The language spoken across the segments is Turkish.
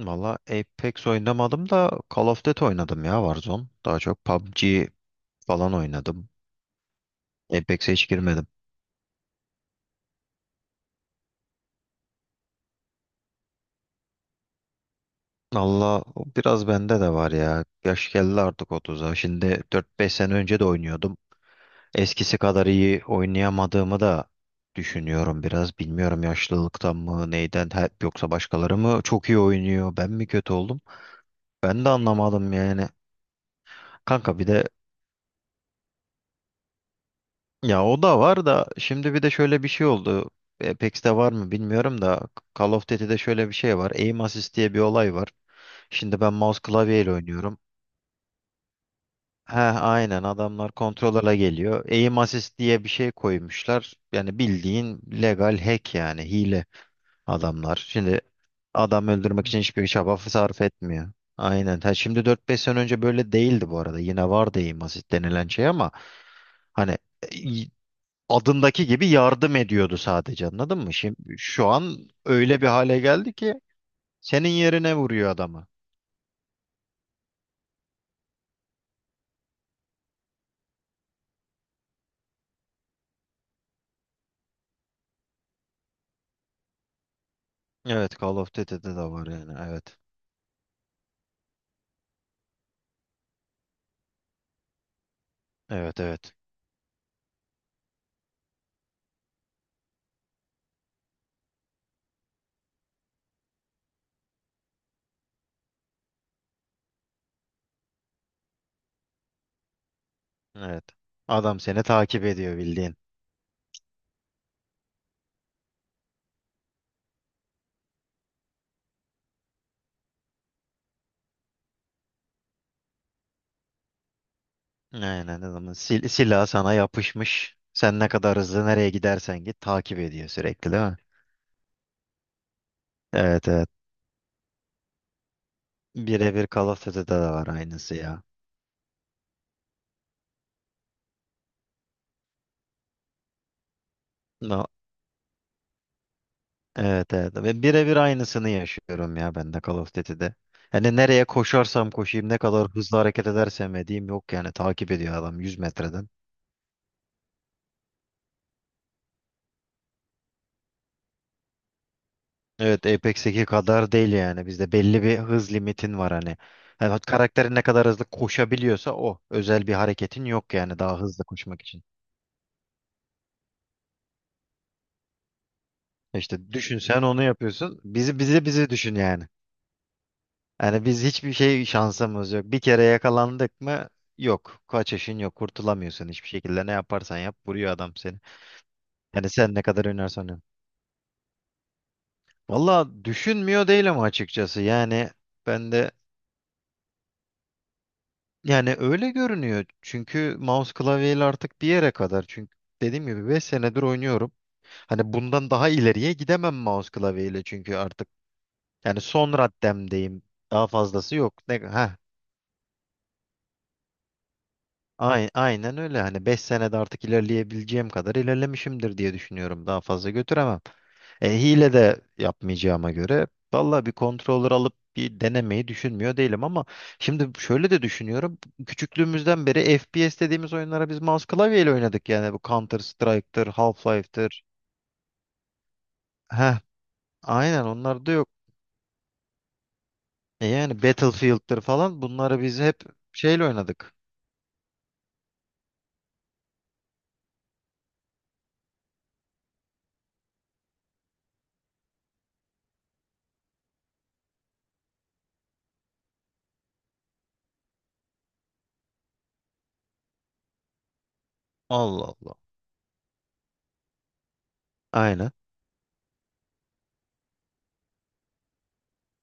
Valla Apex oynamadım da Call of Duty oynadım ya Warzone. Daha çok PUBG falan oynadım. Apex'e hiç girmedim. Valla o biraz bende de var ya. Yaş geldi artık otuza. Şimdi dört beş sene önce de oynuyordum. Eskisi kadar iyi oynayamadığımı da düşünüyorum biraz. Bilmiyorum yaşlılıktan mı neyden hep, yoksa başkaları mı çok iyi oynuyor? Ben mi kötü oldum? Ben de anlamadım yani. Kanka bir de... Ya o da var da şimdi bir de şöyle bir şey oldu. Apex'te var mı bilmiyorum da Call of Duty'de şöyle bir şey var. Aim assist diye bir olay var. Şimdi ben mouse klavyeyle oynuyorum. He, aynen adamlar kontrola geliyor. Aim assist diye bir şey koymuşlar. Yani bildiğin legal hack, yani hile adamlar. Şimdi adam öldürmek için hiçbir çaba sarf etmiyor. Aynen. Ha, şimdi dört beş sene önce böyle değildi bu arada. Yine vardı aim assist denilen şey ama hani adındaki gibi yardım ediyordu sadece, anladın mı? Şimdi şu an öyle bir hale geldi ki senin yerine vuruyor adamı. Evet, Call of Duty'de de var yani, evet. Evet, evet. Evet. Adam seni takip ediyor bildiğin. Aynen, adamın silahı sana yapışmış. Sen ne kadar hızlı nereye gidersen git takip ediyor sürekli, değil mi? Evet, evet. Birebir Call of Duty'de de var aynısı ya. No. Evet, evet. Ve birebir aynısını yaşıyorum ya ben de Call of Duty'de. Hani nereye koşarsam koşayım, ne kadar hızlı hareket edersem edeyim yok yani, takip ediyor adam 100 metreden. Evet, Apex'teki kadar değil yani, bizde belli bir hız limitin var hani. Yani karakterin ne kadar hızlı koşabiliyorsa o, özel bir hareketin yok yani daha hızlı koşmak için. E İşte düşün, sen onu yapıyorsun, bizi düşün yani. Yani biz hiçbir şey şansımız yok. Bir kere yakalandık mı yok. Kaçışın yok. Kurtulamıyorsun hiçbir şekilde. Ne yaparsan yap vuruyor adam seni. Yani sen ne kadar oynarsan oyna. Valla düşünmüyor değilim açıkçası. Yani ben de yani öyle görünüyor. Çünkü mouse klavyeyle artık bir yere kadar. Çünkü dediğim gibi 5 senedir oynuyorum. Hani bundan daha ileriye gidemem mouse klavyeyle, çünkü artık yani son raddemdeyim. Daha fazlası yok. Ne, heh. Aynen öyle. Hani 5 senede artık ilerleyebileceğim kadar ilerlemişimdir diye düşünüyorum. Daha fazla götüremem. Hile de yapmayacağıma göre valla bir controller alıp bir denemeyi düşünmüyor değilim ama şimdi şöyle de düşünüyorum. Küçüklüğümüzden beri FPS dediğimiz oyunlara biz mouse klavyeyle oynadık. Yani bu Counter Strike'tır, Half-Life'tır. Heh, aynen, onlar da yok. E yani Battlefield'tır falan, bunları biz hep şeyle oynadık. Allah Allah. Aynen.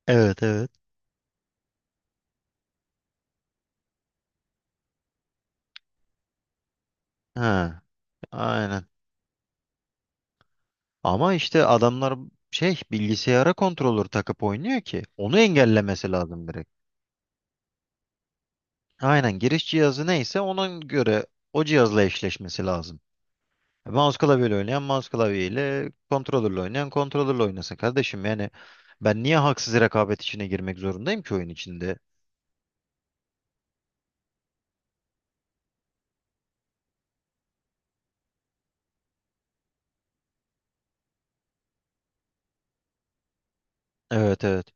Evet, evet. Ha, aynen. Ama işte adamlar şey, bilgisayara kontrolör takıp oynuyor ki onu engellemesi lazım direkt. Aynen giriş cihazı neyse ona göre o cihazla eşleşmesi lazım. Mouse klavyeyle oynayan mouse klavyeyle, kontrolörle oynayan kontrolörle oynasın kardeşim. Yani ben niye haksız rekabet içine girmek zorundayım ki oyun içinde? Evet, evet.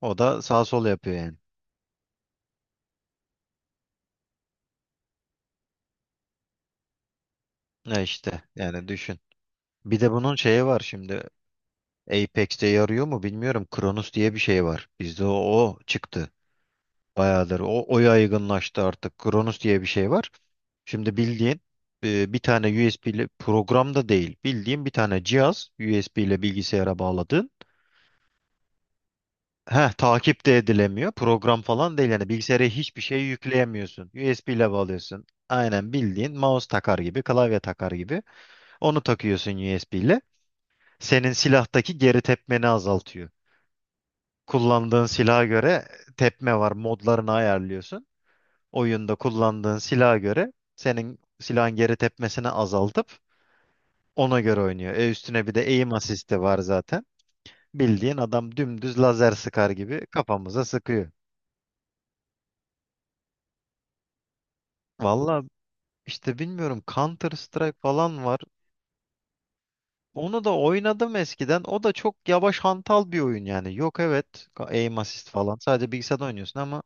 O da sağ sol yapıyor yani. Ne işte yani, düşün. Bir de bunun şeyi var şimdi. Apex'te yarıyor mu bilmiyorum. Kronos diye bir şey var. Bizde o çıktı. Bayağıdır. O yaygınlaştı artık. Kronos diye bir şey var. Şimdi bildiğin bir tane USB ile program da değil. Bildiğin bir tane cihaz USB ile bilgisayara bağladığın. Heh, takip de edilemiyor. Program falan değil. Yani bilgisayara hiçbir şey yükleyemiyorsun. USB ile bağlıyorsun. Aynen bildiğin mouse takar gibi, klavye takar gibi. Onu takıyorsun USB ile. Senin silahtaki geri tepmeni azaltıyor. Kullandığın silaha göre tepme var. Modlarını ayarlıyorsun. Oyunda kullandığın silaha göre senin silahın geri tepmesini azaltıp ona göre oynuyor. Üstüne bir de aim assist'i var zaten. Bildiğin adam dümdüz lazer sıkar gibi kafamıza sıkıyor. Valla işte bilmiyorum, Counter Strike falan var. Onu da oynadım eskiden. O da çok yavaş, hantal bir oyun yani. Yok evet, aim assist falan. Sadece bilgisayarda oynuyorsun ama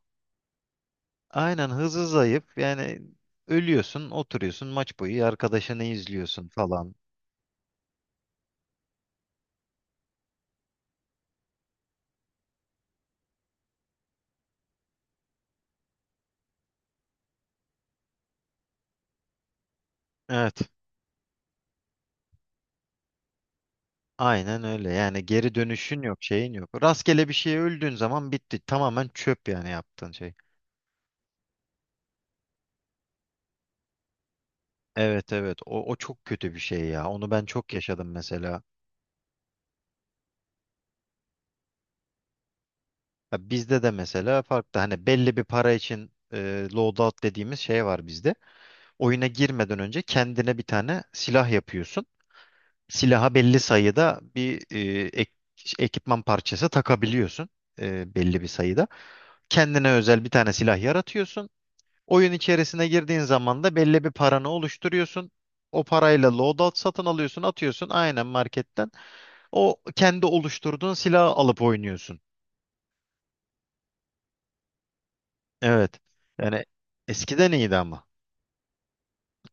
aynen, hızı zayıf. Yani ölüyorsun, oturuyorsun, maç boyu arkadaşını izliyorsun falan. Evet. Aynen öyle. Yani geri dönüşün yok, şeyin yok. Rastgele bir şeye öldüğün zaman bitti. Tamamen çöp yani yaptığın şey. Evet, evet. O çok kötü bir şey ya. Onu ben çok yaşadım mesela. Ya bizde de mesela farklı. Hani belli bir para için loadout dediğimiz şey var bizde. Oyuna girmeden önce kendine bir tane silah yapıyorsun. Silaha belli sayıda bir ekipman parçası takabiliyorsun. Belli bir sayıda. Kendine özel bir tane silah yaratıyorsun. Oyun içerisine girdiğin zaman da belli bir paranı oluşturuyorsun. O parayla loadout satın alıyorsun, atıyorsun aynen marketten. O kendi oluşturduğun silahı alıp oynuyorsun. Evet. Yani eskiden iyiydi ama.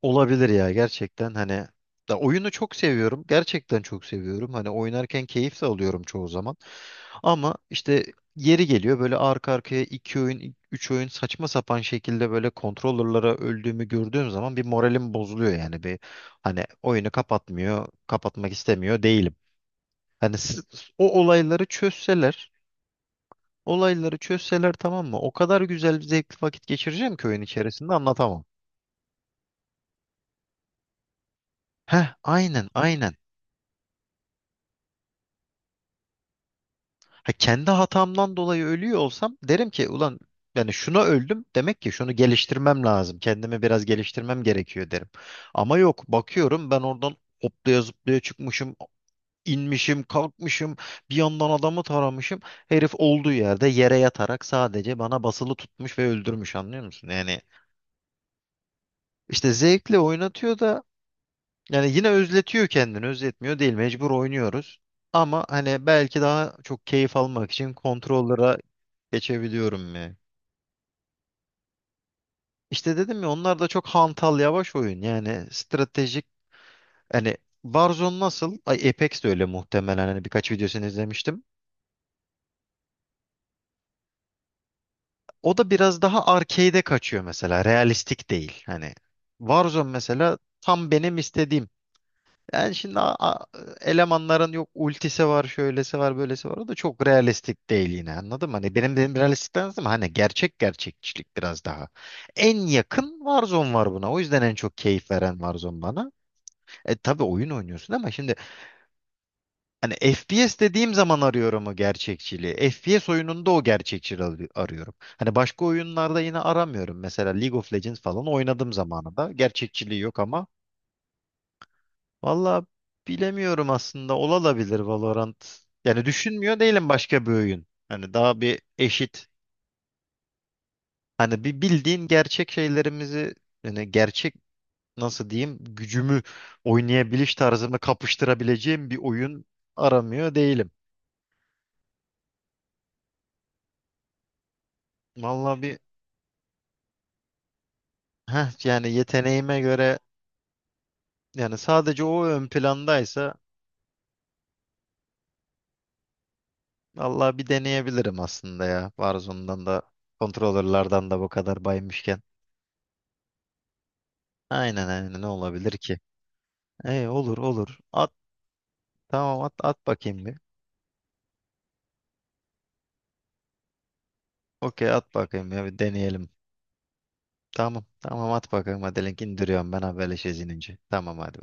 Olabilir ya, gerçekten hani da oyunu çok seviyorum. Gerçekten çok seviyorum. Hani oynarken keyif de alıyorum çoğu zaman. Ama işte yeri geliyor, böyle arka arkaya iki oyun, üç oyun saçma sapan şekilde böyle kontrollerlara öldüğümü gördüğüm zaman bir moralim bozuluyor yani, bir hani oyunu kapatmıyor, kapatmak istemiyor değilim. Hani o olayları çözseler, olayları çözseler tamam mı? O kadar güzel, zevkli vakit geçireceğim ki oyun içerisinde anlatamam. Heh, aynen, aynen. Ha, kendi hatamdan dolayı ölüyor olsam derim ki ulan, yani şuna öldüm demek ki şunu geliştirmem lazım. Kendimi biraz geliştirmem gerekiyor derim. Ama yok, bakıyorum ben oradan hoplaya zıplaya çıkmışım, inmişim, kalkmışım, bir yandan adamı taramışım. Herif olduğu yerde yere yatarak sadece bana basılı tutmuş ve öldürmüş, anlıyor musun? Yani işte zevkle oynatıyor da yani yine özletiyor kendini, özletmiyor değil, mecbur oynuyoruz. Ama hani belki daha çok keyif almak için kontrollere geçebiliyorum ya. İşte dedim ya, onlar da çok hantal yavaş oyun. Yani stratejik hani Warzone nasıl? Ay Apex de öyle muhtemelen. Hani birkaç videosunu izlemiştim. O da biraz daha arcade'e kaçıyor mesela. Realistik değil. Hani Warzone mesela tam benim istediğim. Yani şimdi elemanların yok, ultisi var, şöylesi var, böylesi var. O da çok realistik değil yine, anladın mı? Hani benim realistikten ama hani gerçek gerçekçilik biraz daha. En yakın Warzone var buna. O yüzden en çok keyif veren Warzone bana. E tabii oyun oynuyorsun ama şimdi hani FPS dediğim zaman arıyorum o gerçekçiliği. FPS oyununda o gerçekçiliği arıyorum. Hani başka oyunlarda yine aramıyorum. Mesela League of Legends falan oynadığım zamanında gerçekçiliği yok ama valla bilemiyorum, aslında olabilir Valorant. Yani düşünmüyor değilim başka bir oyun. Hani daha bir eşit. Hani bir bildiğin gerçek şeylerimizi, yani gerçek nasıl diyeyim, gücümü, oynayabiliş tarzımı kapıştırabileceğim bir oyun aramıyor değilim. Vallahi bir heh, yani yeteneğime göre yani sadece o ön plandaysa vallahi bir deneyebilirim aslında ya. Warzone'dan da kontrolörlerden de bu kadar baymışken. Aynen, aynen, ne olabilir ki? E olur, olur. At, tamam, at at bakayım bir. Okey at bakayım ya, bir deneyelim. Tamam, tamam, at bakayım, hadi link indiriyorum ben, haberleşeceğiz inince. Tamam, hadi.